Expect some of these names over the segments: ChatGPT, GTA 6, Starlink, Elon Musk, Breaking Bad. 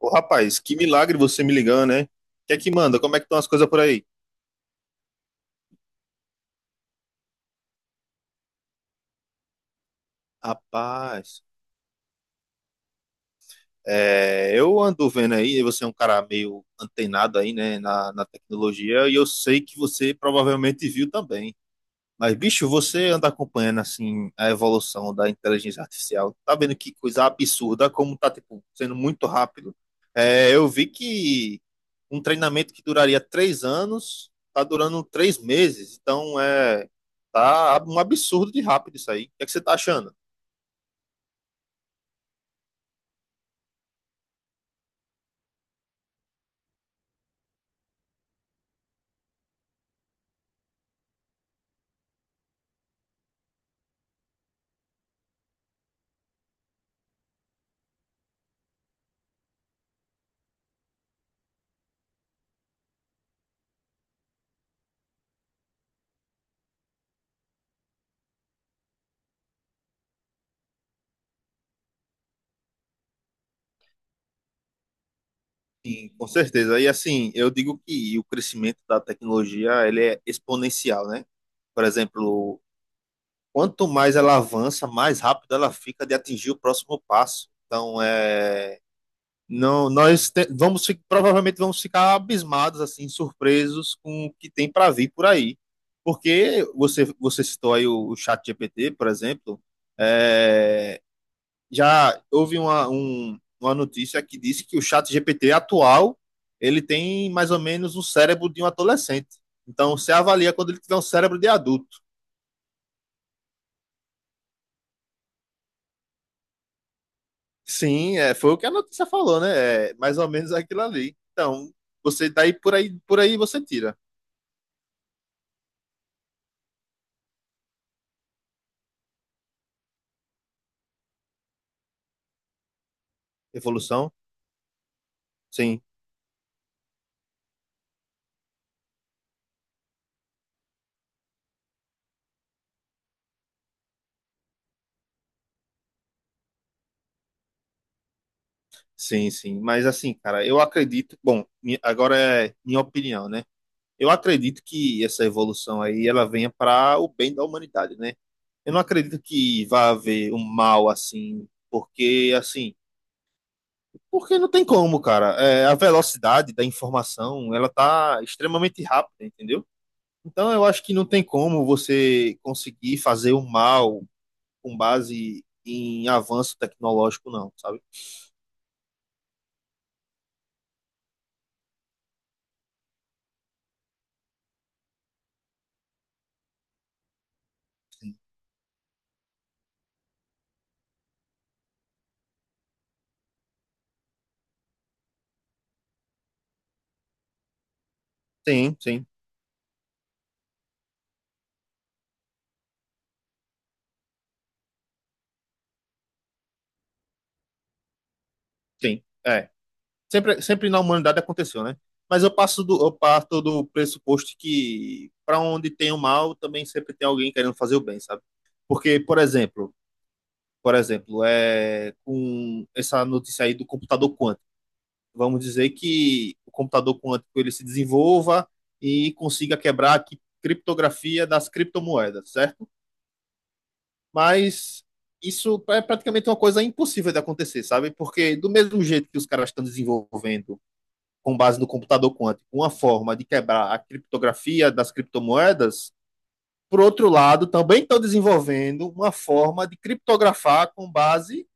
Ô, rapaz, que milagre você me ligando, né? O que é que manda? Como é que estão as coisas por aí? Rapaz, é, eu ando vendo aí, você é um cara meio antenado aí, né, na tecnologia, e eu sei que você provavelmente viu também. Mas, bicho, você anda acompanhando, assim, a evolução da inteligência artificial. Tá vendo que coisa absurda, como tá, tipo, sendo muito rápido. É, eu vi que um treinamento que duraria três anos tá durando três meses. Então, é... Tá um absurdo de rápido isso aí. O que é que você tá achando? Sim, com certeza. E assim, eu digo que o crescimento da tecnologia ele é exponencial, né? Por exemplo, quanto mais ela avança, mais rápido ela fica de atingir o próximo passo. Então, é, não, nós te- vamos fi- provavelmente vamos ficar abismados, assim, surpresos com o que tem para vir por aí. Porque você citou aí o chat GPT, por exemplo, é, já houve uma notícia que disse que o chat GPT atual, ele tem mais ou menos o cérebro de um adolescente. Então, você avalia quando ele tiver um cérebro de adulto. Sim, é, foi o que a notícia falou, né? É mais ou menos aquilo ali. Então, você daí por aí você tira. Evolução? Sim, sim, sim. Mas assim, cara, eu acredito. Bom, agora é minha opinião, né? Eu acredito que essa evolução aí ela venha para o bem da humanidade, né? Eu não acredito que vá haver um mal assim, porque não tem como, cara. É, a velocidade da informação, ela tá extremamente rápida, entendeu? Então, eu acho que não tem como você conseguir fazer o mal com base em avanço tecnológico, não, sabe? Tem, tem, tem. É. Sempre, sempre na humanidade aconteceu, né? Mas eu parto do pressuposto que para onde tem o mal, também sempre tem alguém querendo fazer o bem, sabe? Porque, por exemplo, é com essa notícia aí do computador quântico. Vamos dizer que o computador quântico ele se desenvolva e consiga quebrar a criptografia das criptomoedas, certo? Mas isso é praticamente uma coisa impossível de acontecer, sabe? Porque do mesmo jeito que os caras estão desenvolvendo com base no computador quântico uma forma de quebrar a criptografia das criptomoedas, por outro lado, também estão desenvolvendo uma forma de criptografar com base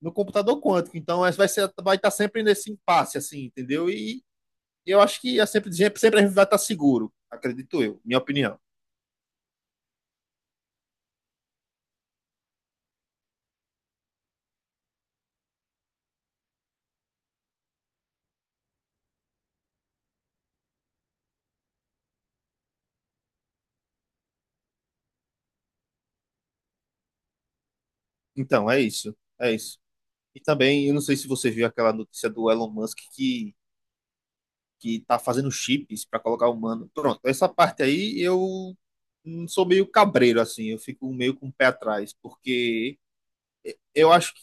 no computador quântico. Então, é, vai estar sempre nesse impasse, assim, entendeu? E eu acho que sempre a gente vai estar seguro, acredito eu, minha opinião. Então, é isso. É isso. E também, eu não sei se você viu aquela notícia do Elon Musk que tá fazendo chips para colocar humano. Pronto, essa parte aí eu sou meio cabreiro, assim, eu fico meio com o pé atrás, porque eu acho que,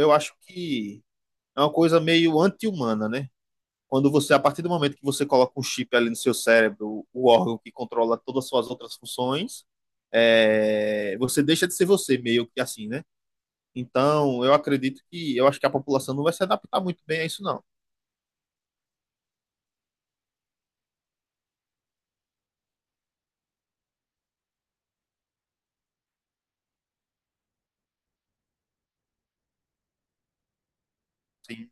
eu acho que é uma coisa meio anti-humana, né? Quando você, a partir do momento que você coloca um chip ali no seu cérebro, o órgão que controla todas as suas outras funções, é, você deixa de ser você, meio que assim, né? Então, eu acho que a população não vai se adaptar muito bem a isso, não. Sim,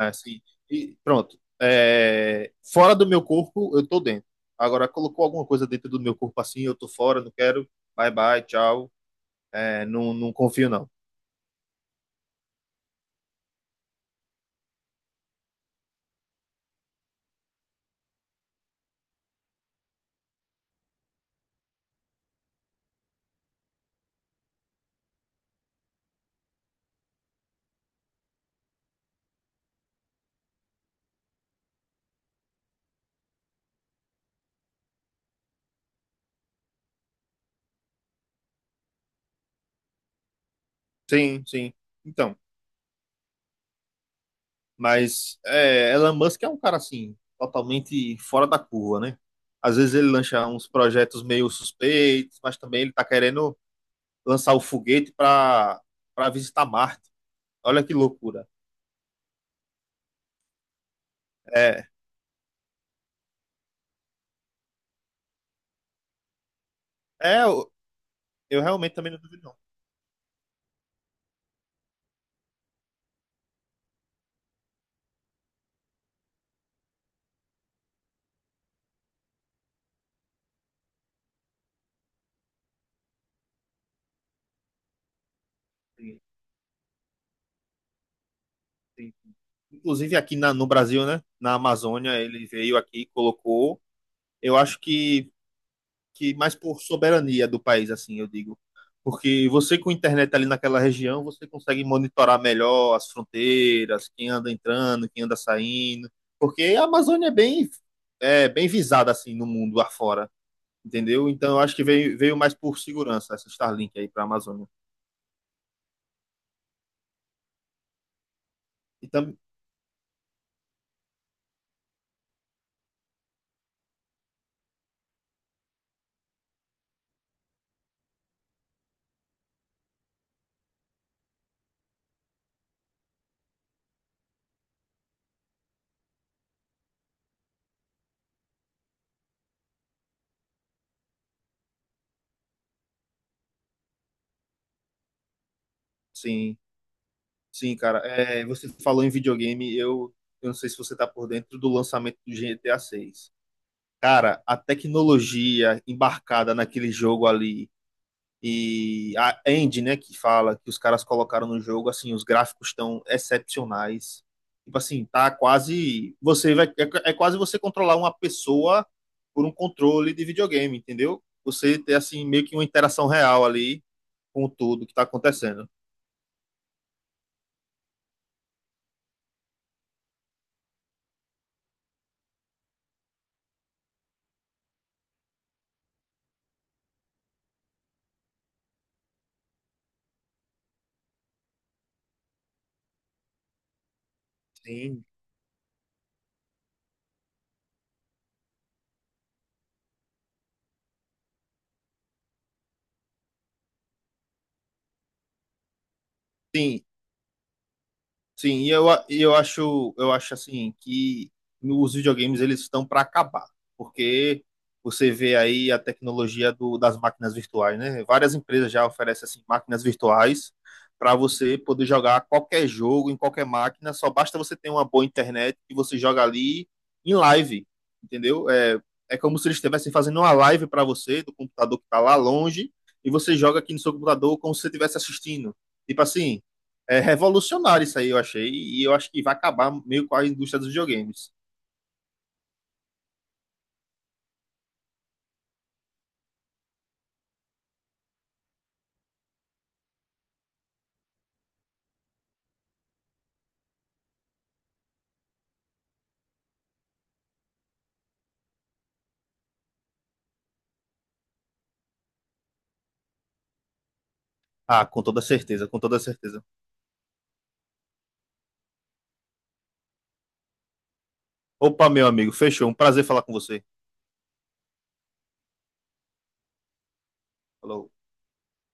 é, sim. E pronto. É, fora do meu corpo, eu tô dentro. Agora, colocou alguma coisa dentro do meu corpo assim, eu tô fora, não quero, bye bye, tchau, é, não, não confio, não. Sim, sim. Então, mas é, Elon Musk é um cara assim, totalmente fora da curva, né? Às vezes ele lança uns projetos meio suspeitos, mas também ele tá querendo lançar o foguete para para visitar Marte. Olha que loucura. É, é, eu realmente também não duvido não. Tem- tem- Inclusive aqui no Brasil, né? Na Amazônia, ele veio aqui, colocou. Eu acho que mais por soberania do país, assim, eu digo. Porque você com internet ali naquela região, você consegue monitorar melhor as fronteiras, quem anda entrando, quem anda saindo. Porque a Amazônia é, bem visada, assim, no mundo afora, entendeu? Então eu acho que veio, veio mais por segurança essa Starlink aí para a Amazônia. Então, sim, sim, cara. É, você falou em videogame, eu não sei se você tá por dentro do lançamento do GTA 6. Cara, a tecnologia embarcada naquele jogo ali e a Andy, né, que fala que os caras colocaram no jogo, assim, os gráficos estão excepcionais. Tipo assim, tá quase é quase você controlar uma pessoa por um controle de videogame, entendeu? Você ter assim meio que uma interação real ali com tudo que tá acontecendo. Sim. Sim, sim, e eu, e eu acho assim que os videogames eles estão para acabar, porque você vê aí a tecnologia das máquinas virtuais, né? Várias empresas já oferecem assim máquinas virtuais para você poder jogar qualquer jogo em qualquer máquina, só basta você ter uma boa internet e você joga ali em live, entendeu? É, é como se eles estivessem fazendo uma live para você do computador que está lá longe e você joga aqui no seu computador como se você estivesse assistindo. Tipo assim, é revolucionário isso aí, eu achei. E eu acho que vai acabar meio com a indústria dos videogames. Ah, com toda certeza, com toda certeza. Opa, meu amigo, fechou. Um prazer falar com você. Falou.